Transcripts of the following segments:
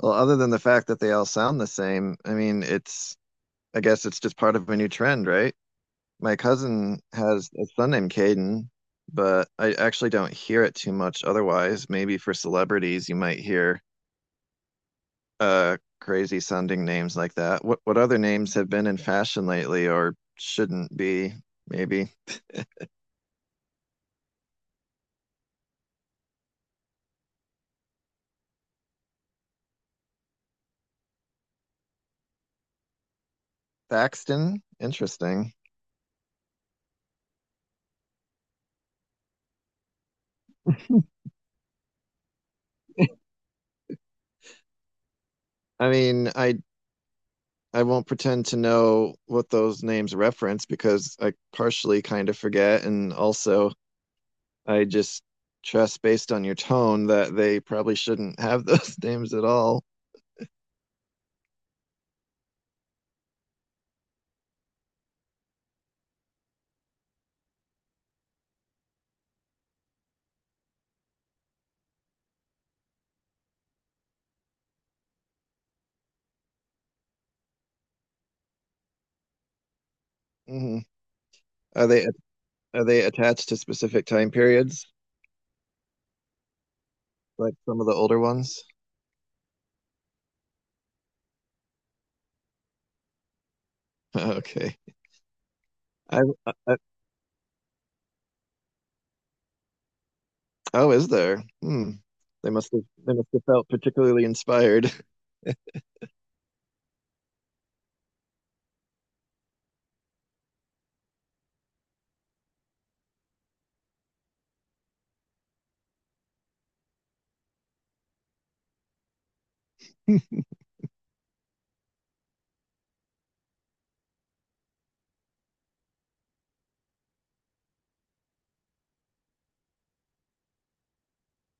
Well, other than the fact that they all sound the same, I guess it's just part of a new trend, right? My cousin has a son named Caden, but I actually don't hear it too much otherwise. Maybe for celebrities, you might hear crazy sounding names like that. What other names have been in fashion lately or shouldn't be, maybe? Thaxton? Interesting. I mean, I I won't pretend to know what those names reference because I partially kind of forget. And also, I just trust based on your tone that they probably shouldn't have those names at all. hmm Are they are they attached to specific time periods, like some of the older ones? Okay. I, I oh, is there? Hmm. They must have they must have felt particularly inspired.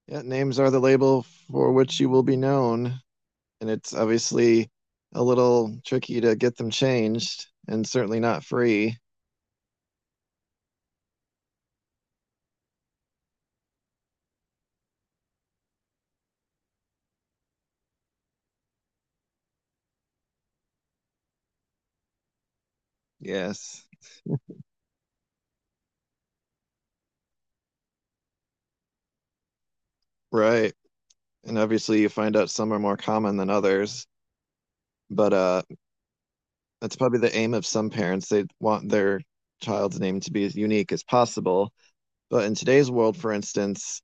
Yeah, names are the label for which you will be known. And it's obviously a little tricky to get them changed and certainly not free. Yes. Right. And obviously you find out some are more common than others, but that's probably the aim of some parents. They want their child's name to be as unique as possible. But in today's world, for instance,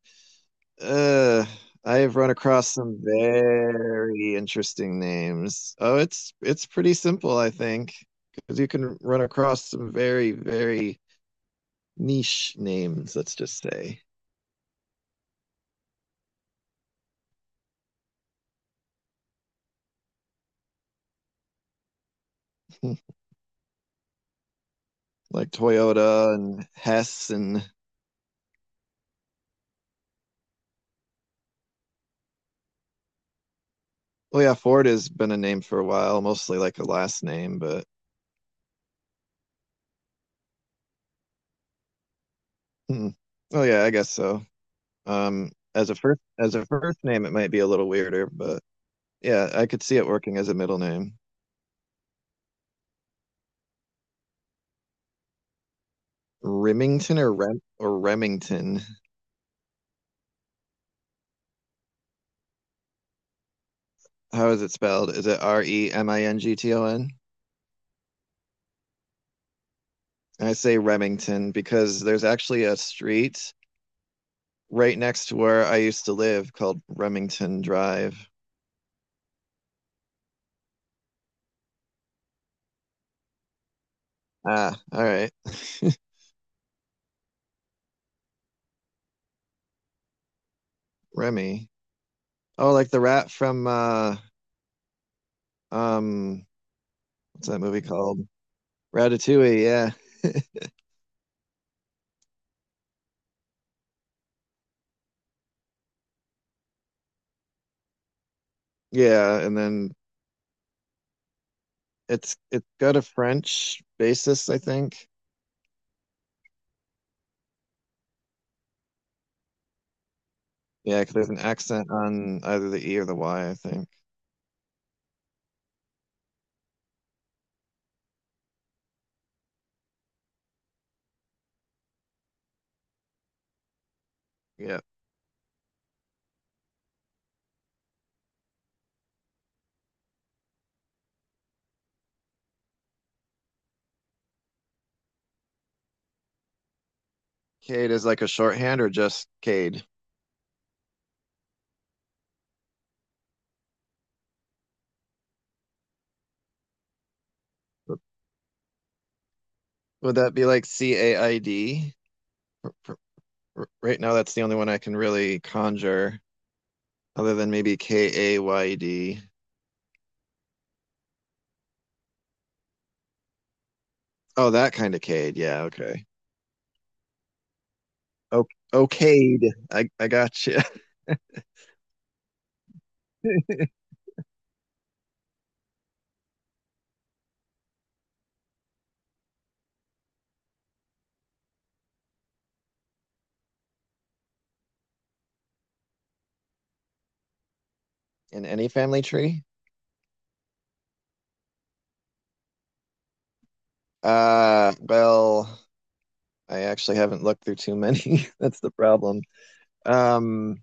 uh I have run across some very interesting names. Oh, it's pretty simple, I think, because you can run across some very, very niche names, let's just say, like Toyota and Hess and oh yeah, Ford has been a name for a while, mostly like a last name, but hmm. Oh yeah, I guess so. As a first name, it might be a little weirder, but yeah, I could see it working as a middle name. Remington or Rem or Remington. How is it spelled? Is it Remington? I say Remington because there's actually a street right next to where I used to live called Remington Drive. Ah, all right. Remy. Oh, like the rat from um what's that movie called? Ratatouille, yeah. Yeah, and then it's got a French basis, I think. Yeah, 'cause there's an accent on either the E or the Y, I think. Yeah. Cade is like a shorthand or just Cade? Would that be like C-A-I-D? For- Right now, that's the only one I can really conjure, other than maybe K-A-Y-D. Oh, that kind of Cade. Yeah, okay. O- okayed. I got you. In any family tree? Well, I actually haven't looked through too many. That's the problem. Um,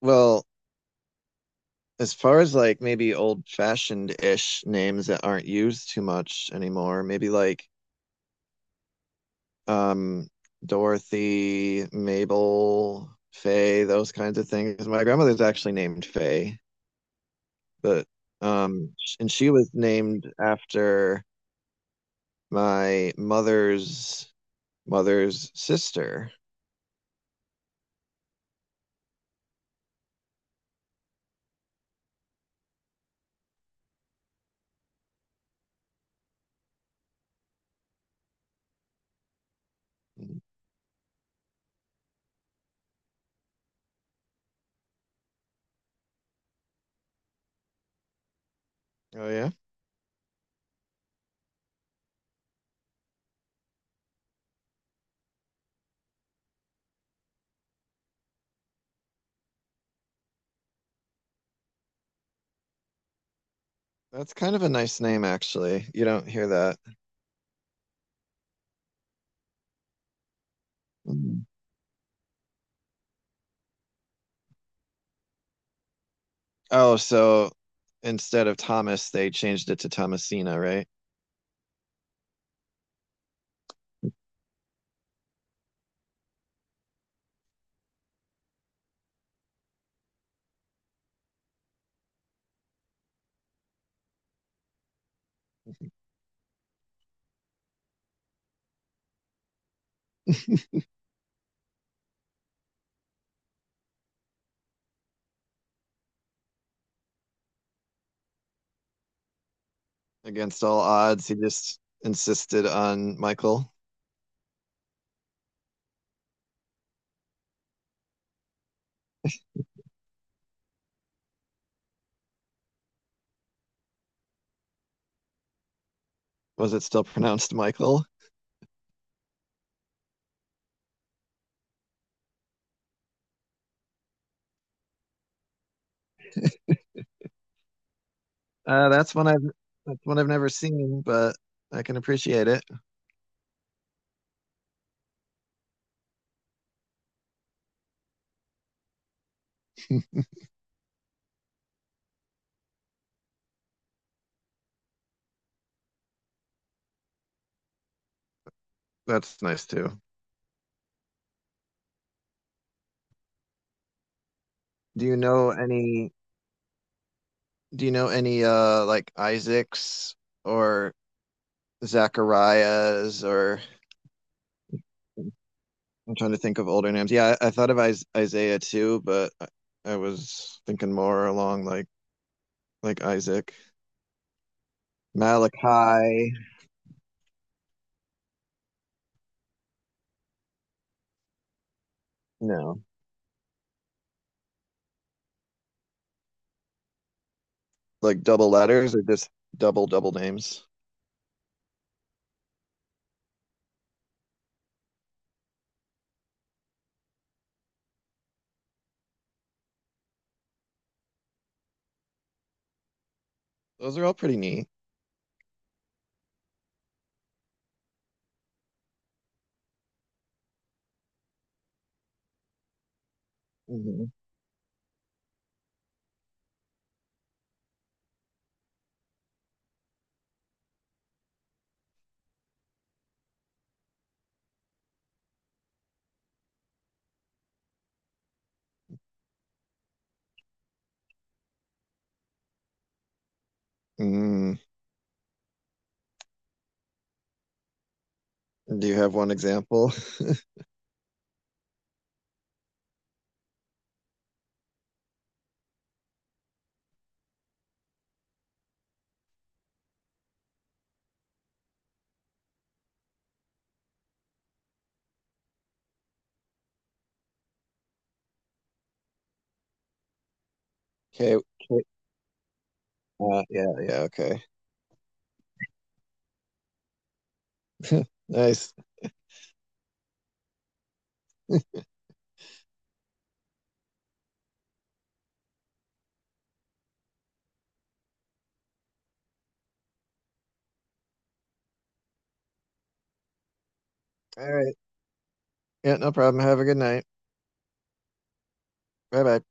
well, as far as like maybe old-fashioned-ish names that aren't used too much anymore, maybe like um Dorothy, Mabel, Faye, those kinds of things. My grandmother's actually named Faye, but um, and she was named after my mother's mother's sister. Oh yeah, that's kind of a nice name actually. You don't hear that. Mm. Oh, so instead of Thomas, they changed it to Thomasina, right? Against all odds, he just insisted on Michael. Was it still pronounced Michael? Uh, that's one I've that's one I've never seen, but I can appreciate it. That's nice too. Do you know any? Do you know any like Isaacs or Zacharias or I'm trying to think of older names. Yeah, I thought of Isaiah too, but I was thinking more along like Isaac, Malachi. No, like double letters or just double names. Those are all pretty neat. Hmm. Mm, do you have one example? Okay. Okay. Yeah, yeah, okay. Nice. All right. Yeah, no problem. Have a good night. Bye bye.